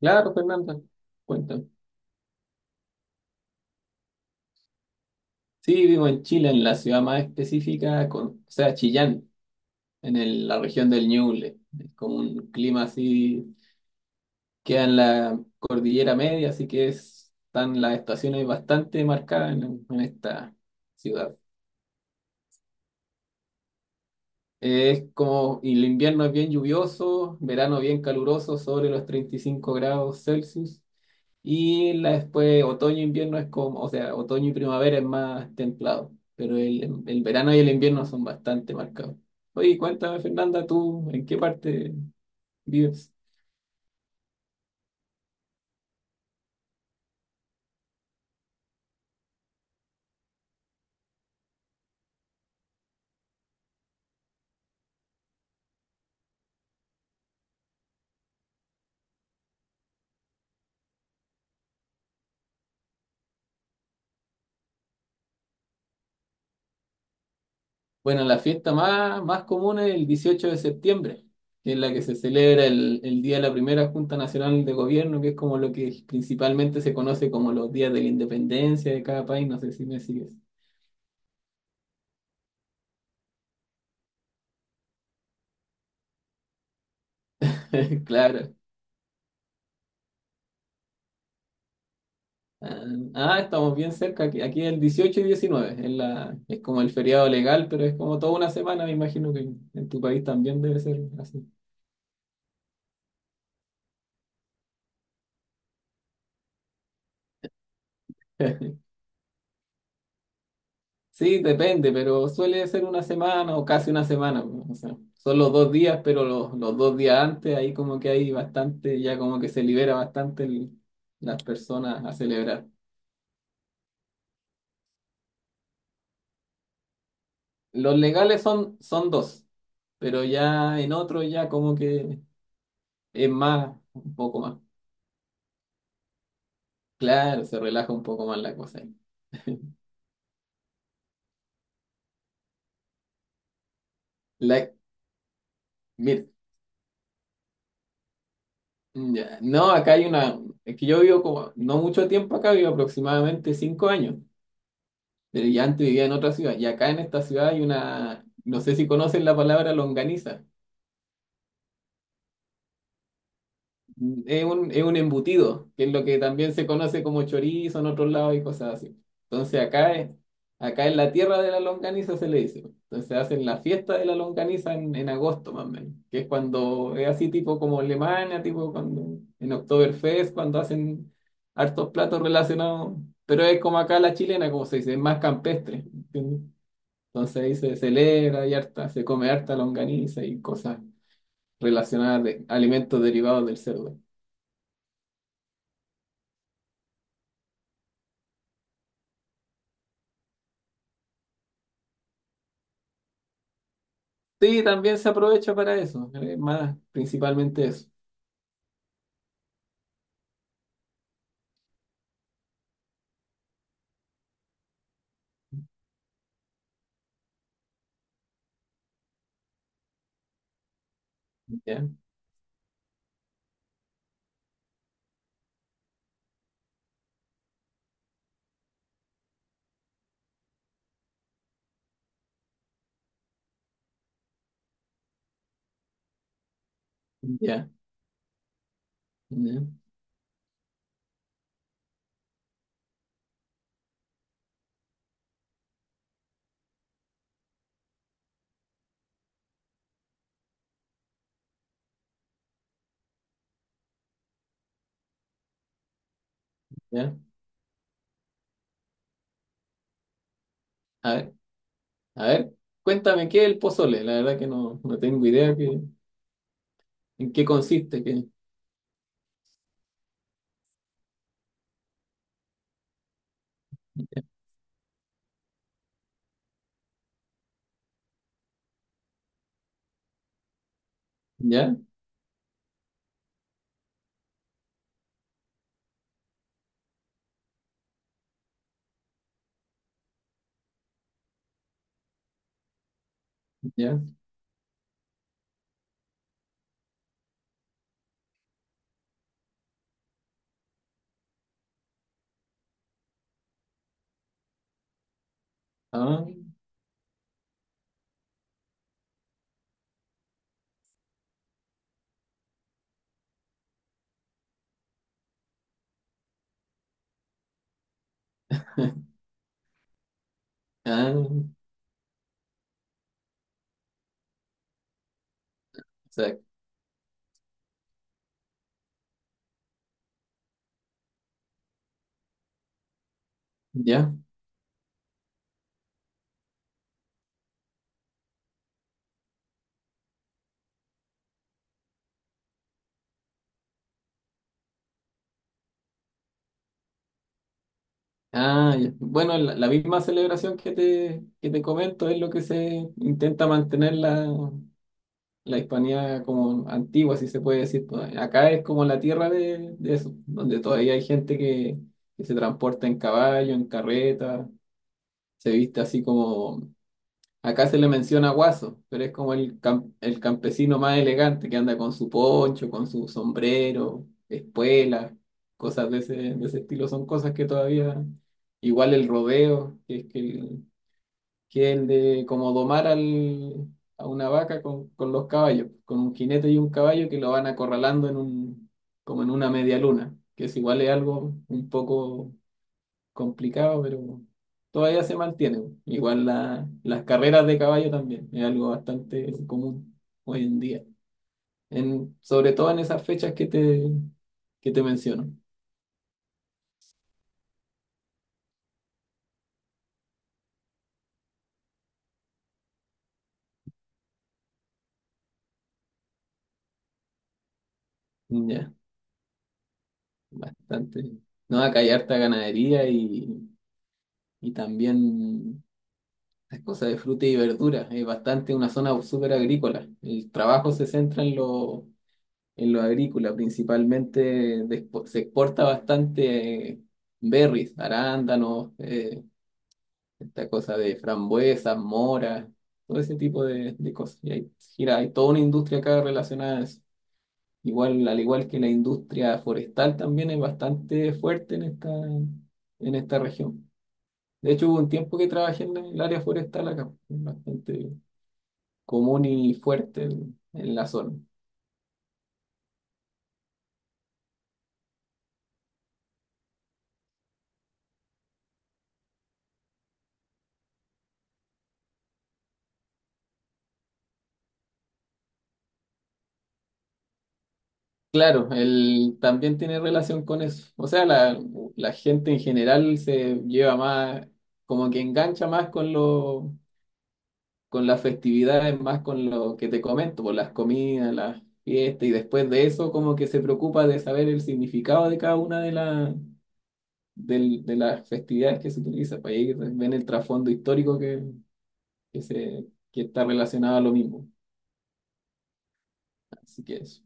Claro, Fernanda, cuéntame. Sí, vivo en Chile, en la ciudad más específica, Chillán, en la región del Ñuble. Es como un clima así, queda en la cordillera media, así que están las estaciones bastante marcadas en esta ciudad. Es como, y el invierno es bien lluvioso, verano bien caluroso, sobre los 35 grados Celsius. Después otoño e invierno es como, o sea, otoño y primavera es más templado, pero el verano y el invierno son bastante marcados. Oye, cuéntame, Fernanda, ¿tú en qué parte vives? Bueno, la fiesta más común es el 18 de septiembre, que es la que se celebra el día de la primera Junta Nacional de Gobierno, que es como lo que principalmente se conoce como los días de la independencia de cada país, no sé si me sigues. Claro. Ah, ah, estamos bien cerca. Aquí el 18 y 19 es, es como el feriado legal, pero es como toda una semana. Me imagino que en tu país también debe ser así. Sí, depende, pero suele ser una semana o casi una semana. O sea, son los dos días, pero los dos días antes, ahí como que hay bastante, ya como que se libera bastante las personas a celebrar. Los legales son dos, pero ya en otro ya como que es más, un poco más. Claro, se relaja un poco más la cosa ahí. La, mira, ya, no, acá hay una, es que yo vivo como, no mucho tiempo acá, vivo aproximadamente 5 años, pero ya antes vivía en otra ciudad, y acá en esta ciudad hay una, no sé si conocen la palabra longaniza. Es un embutido, que es lo que también se conoce como chorizo en otros lados y cosas así. Entonces acá, es- acá en la tierra de la longaniza se le dice. Entonces hacen la fiesta de la longaniza en agosto más o menos, que es cuando es así tipo como Alemania, tipo cuando en Oktoberfest, cuando hacen hartos platos relacionados, pero es como acá la chilena, como se dice, es más campestre, ¿entiendes? Entonces ahí se celebra y harta, se come harta longaniza y cosas relacionadas de alimentos derivados del cerdo. Sí, también se aprovecha para eso, más principalmente eso. Ya, ya, ya, ya. A ver, a ver, cuéntame qué es el pozole, la verdad que no tengo idea que, en qué consiste, que, ya, ya, ah, ah, exacto, ya, ah, ya. Bueno, la misma celebración que que te comento es lo que se intenta mantener la Hispania como antigua, si se puede decir, pues. Acá es como la tierra de eso, donde todavía hay gente que se transporta en caballo, en carreta, se viste así como... Acá se le menciona guaso, pero es como el campesino más elegante que anda con su poncho, con su sombrero, espuela, cosas de ese estilo. Son cosas que todavía, igual el rodeo, que es el de como domar al, a una vaca con los caballos, con un jinete y un caballo que lo van acorralando en un, como en una media luna, que es igual es algo un poco complicado, pero todavía se mantiene. Igual las carreras de caballo también, es algo bastante común hoy en día, en, sobre todo en esas fechas que que te menciono. Ya, bastante. No, acá hay harta ganadería y también es cosas de fruta y verduras, es bastante una zona súper agrícola. El trabajo se centra en en lo agrícola, principalmente se exporta bastante, berries, arándanos, esta cosa de frambuesas, moras, todo ese tipo de cosas. Y hay, gira, hay toda una industria acá relacionada a eso. Igual, al igual que la industria forestal también es bastante fuerte en esta región. De hecho, hubo un tiempo que trabajé en el área forestal acá, bastante común y fuerte en la zona. Claro, él también tiene relación con eso. O sea, la gente en general se lleva más, como que engancha más con lo, con las festividades, más con lo que te comento, por las comidas, las fiestas, y después de eso como que se preocupa de saber el significado de cada una de de las festividades que se utiliza. Para ahí ven el trasfondo histórico que se, que está relacionado a lo mismo. Así que eso.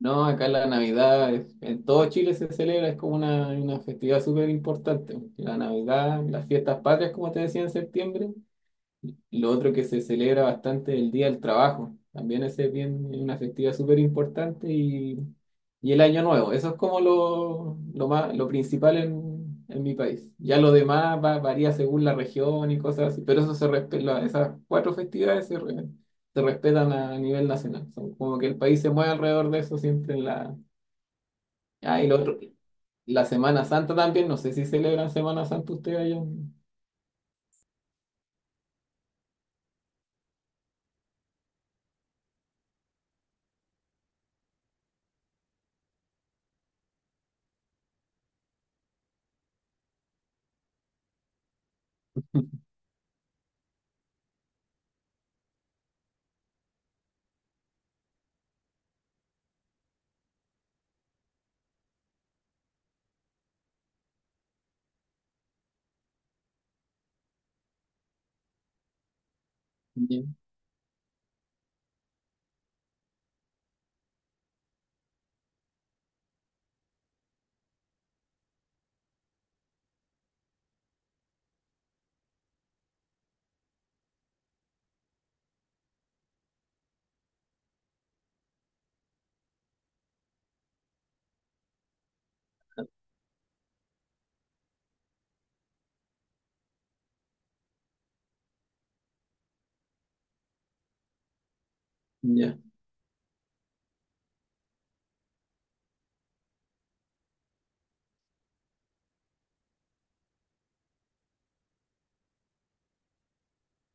No, acá la Navidad, en todo Chile se celebra, es como una festividad súper importante. La Navidad, las fiestas patrias, como te decía en septiembre, lo otro que se celebra bastante es el Día del Trabajo. También ese es bien, es una festividad súper importante y el Año Nuevo. Eso es como lo más, lo principal en mi país. Ya lo demás varía según la región y cosas así, pero eso esas 4 festividades se respetan a nivel nacional. Son como que el país se mueve alrededor de eso siempre en la... Ah, y lo otro, la Semana Santa también. No sé si celebran Semana Santa ustedes allá. Ya, ya,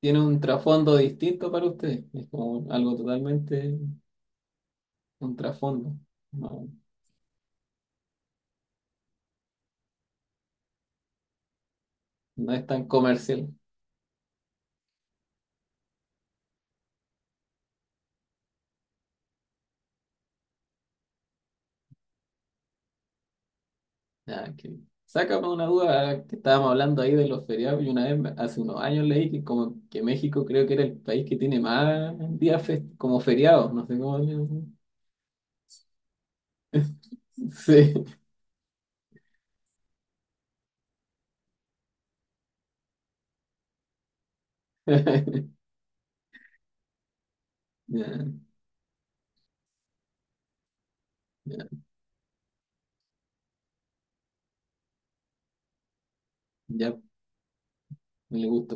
tiene un trasfondo distinto para usted. Es como algo totalmente un trasfondo. No, no es tan comercial. Nada que... Sácame una duda que estábamos hablando ahí de los feriados y una vez hace unos años leí que como que México creo que era el país que tiene más como feriados, no sé cómo le- Sí. Ya, ya, ya, me le gusta.